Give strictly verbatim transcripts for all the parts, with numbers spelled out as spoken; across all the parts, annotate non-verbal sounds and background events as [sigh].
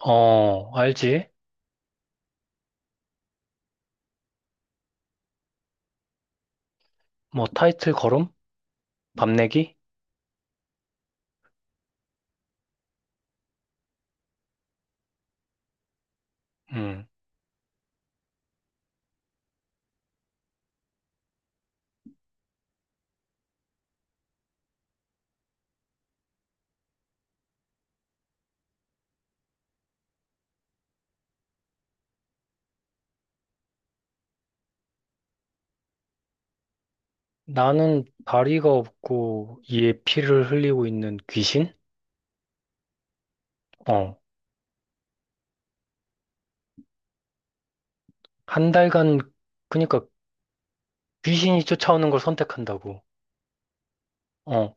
어, 알지? 뭐, 타이트 걸음? 밤내기? 음. 나는 다리가 없고 이에 피를 흘리고 있는 귀신? 어. 한 달간, 그니까 귀신이 쫓아오는 걸 선택한다고. 어,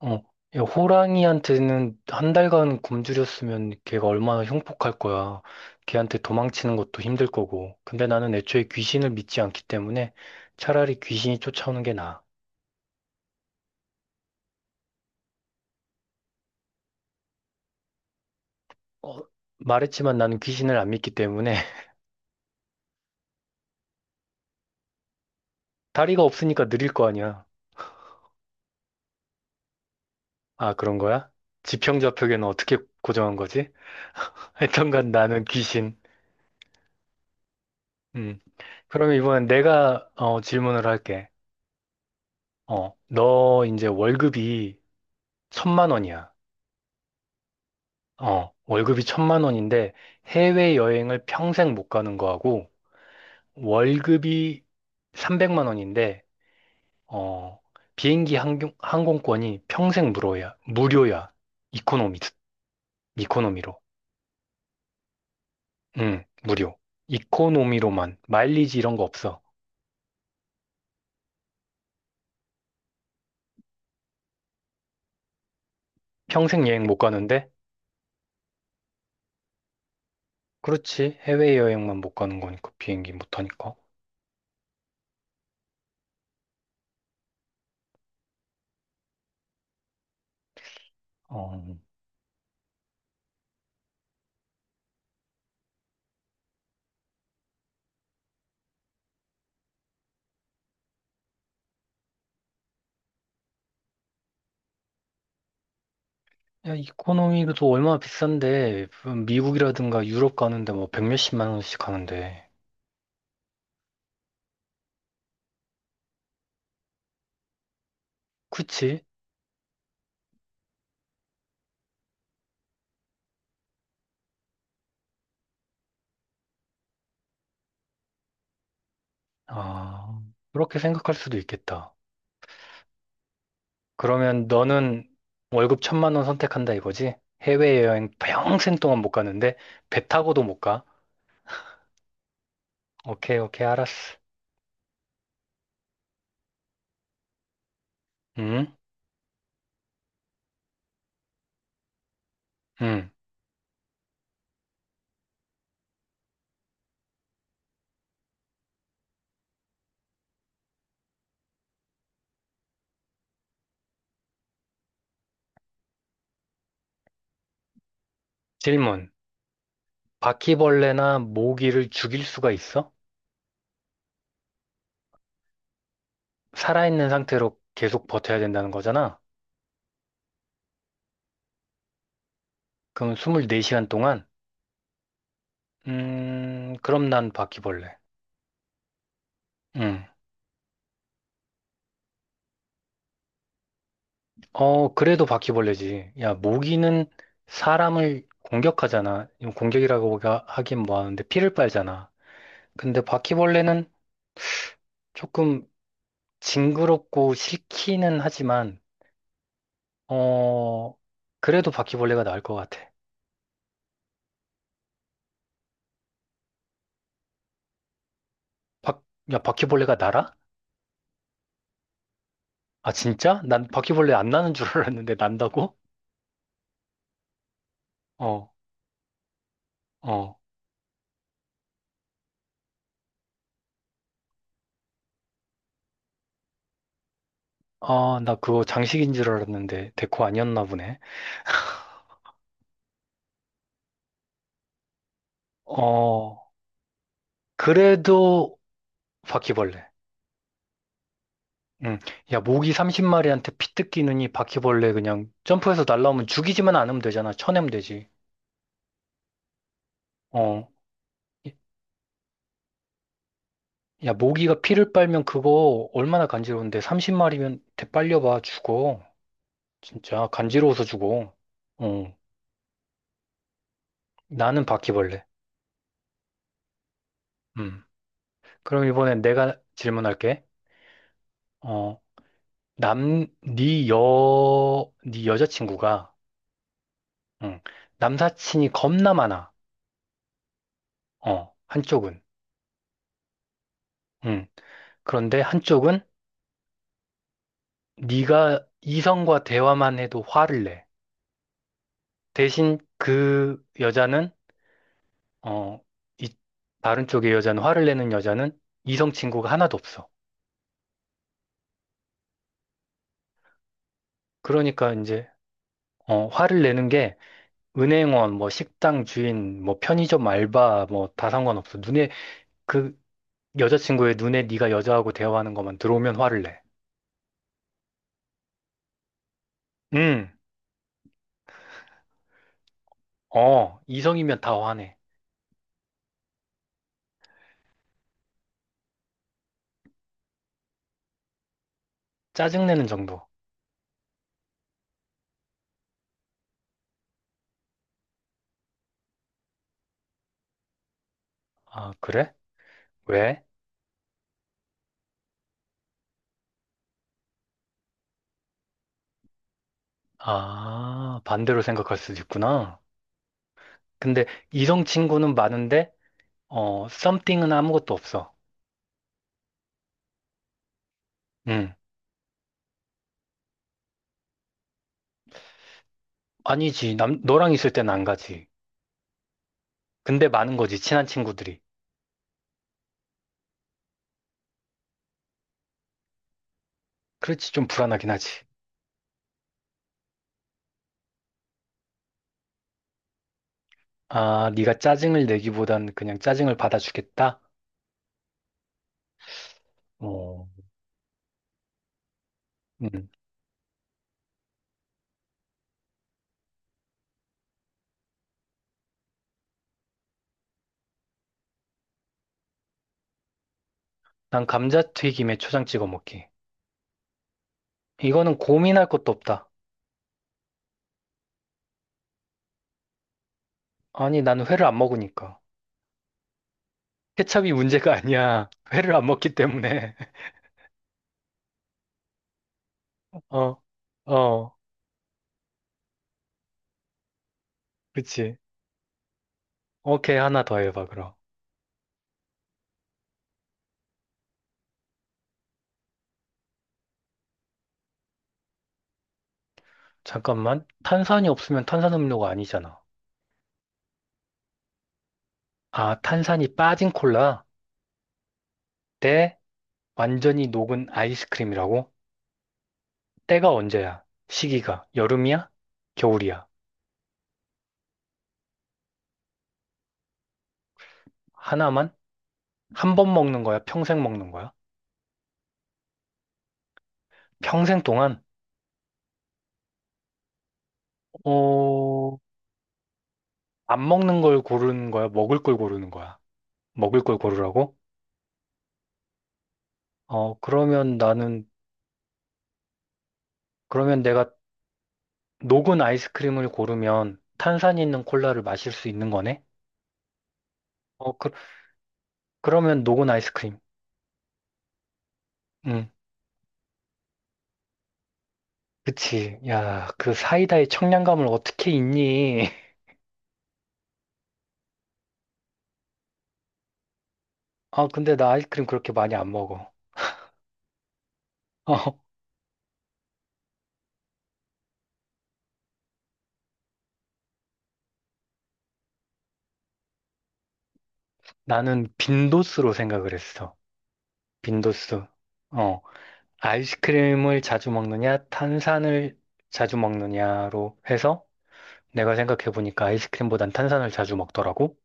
어. 야, 호랑이한테는 한 달간 굶주렸으면 걔가 얼마나 흉폭할 거야. 걔한테 도망치는 것도 힘들 거고. 근데 나는 애초에 귀신을 믿지 않기 때문에 차라리 귀신이 쫓아오는 게 나아. 어, 말했지만 나는 귀신을 안 믿기 때문에 다리가 없으니까 느릴 거 아니야. 아, 그런 거야? 지평 좌표계는 어떻게 고정한 거지? [laughs] 하여튼간 나는 귀신. 음. 그면 이번엔 내가 어, 질문을 할게. 어, 너 이제 월급이 천만 원이야. 어, 월급이 천만 원인데 해외 여행을 평생 못 가는 거하고 월급이 삼백만 원인데 어, 비행기 항공, 항공권이 평생 무료야. 무료야. 이코노미, 이코노미로. 응, 무료. 이코노미로만. 마일리지 이런 거 없어. 평생 여행 못 가는데? 그렇지. 해외여행만 못 가는 거니까. 비행기 못 타니까. 어. 야, 이코노미도 또 얼마나 비싼데. 음, 미국이라든가 유럽 가는데 뭐 백 몇십만 원씩 하는데. 그치? 아, 그렇게 생각할 수도 있겠다. 그러면 너는 월급 천만 원 선택한다 이거지? 해외여행 평생 동안 못 가는데? 배 타고도 못 가? 오케이, 오케이, 알았어. 응? 응. 질문. 바퀴벌레나 모기를 죽일 수가 있어? 살아있는 상태로 계속 버텨야 된다는 거잖아? 그럼 이십사 시간 동안? 음, 그럼 난 바퀴벌레. 음. 어, 그래도 바퀴벌레지. 야, 모기는 사람을 공격하잖아. 이거 공격이라고 하- 하긴 뭐하는데 피를 빨잖아. 근데 바퀴벌레는 조금 징그럽고 싫기는 하지만, 어, 그래도 바퀴벌레가 나을 것 같아. 바, 야, 바퀴벌레가 날아? 아, 진짜? 난 바퀴벌레 안 나는 줄 알았는데 난다고? 어, 어. 아, 나 그거 장식인 줄 알았는데 데코 아니었나 보네. 어, 그래도 바퀴벌레. 응. 야, 모기 삼십 마리한테 피 뜯기느니 바퀴벌레 그냥 점프해서 날라오면 죽이지만 않으면 되잖아. 쳐내면 되지. 어. 야, 모기가 피를 빨면 그거 얼마나 간지러운데 서른 마리면 대 빨려봐. 죽어. 진짜 간지러워서 죽어. 어. 나는 바퀴벌레. 음. 그럼 이번엔 내가 질문할게. 어, 남, 네 여, 네 여자친구가, 응, 남사친이 겁나 많아. 어, 한쪽은. 응. 그런데 한쪽은 네가 이성과 대화만 해도 화를 내. 대신 그 여자는, 어, 이, 다른 쪽의 여자는, 화를 내는 여자는 이성 친구가 하나도 없어. 그러니까 이제, 어, 화를 내는 게 은행원, 뭐 식당 주인, 뭐 편의점 알바, 뭐 다 상관없어. 눈에 그 여자친구의 눈에 네가 여자하고 대화하는 것만 들어오면 화를 내. 응, 어, 이성이면 다 화내. 짜증내는 정도. 아, 그래? 왜? 아, 반대로 생각할 수도 있구나. 근데 이성 친구는 많은데, 어, something은 아무것도 없어. 응, 아니지. 남, 너랑 있을 땐 안 가지. 근데 많은 거지, 친한 친구들이. 그렇지, 좀 불안하긴 하지. 아, 네가 짜증을 내기보단 그냥 짜증을 받아주겠다? 어, 음. 난 감자튀김에 초장 찍어 먹기. 이거는 고민할 것도 없다. 아니, 나는 회를 안 먹으니까. 케찹이 문제가 아니야. [laughs] 회를 안 먹기 때문에. [laughs] 어, 어, 그치. 오케이, 하나 더 해봐, 그럼. 잠깐만. 탄산이 없으면 탄산음료가 아니잖아. 아, 탄산이 빠진 콜라 대 완전히 녹은 아이스크림이라고? 때가 언제야? 시기가 여름이야? 겨울이야? 하나만? 한 번 먹는 거야? 평생 먹는 거야? 평생 동안? 어, 안 먹는 걸 고르는 거야? 먹을 걸 고르는 거야? 먹을 걸 고르라고? 어, 그러면 나는, 그러면 내가 녹은 아이스크림을 고르면 탄산이 있는 콜라를 마실 수 있는 거네? 어, 그, 그러면 녹은 아이스크림. 응, 그치. 야, 그 사이다의 청량감을 어떻게 잊니? [laughs] 아, 근데 나 아이스크림 그렇게 많이 안 먹어. 어, 나는 빈도수로 생각을 했어. 빈도수. 어, 아이스크림을 자주 먹느냐, 탄산을 자주 먹느냐로 해서 내가 생각해보니까 아이스크림보단 탄산을 자주 먹더라고.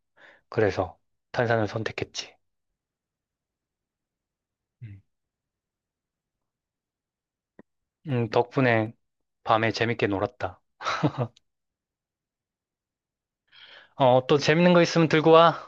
그래서 탄산을 선택했지. 음. 음, 덕분에 밤에 재밌게 놀았다. 어, 또 재밌는 거 있으면 들고 와.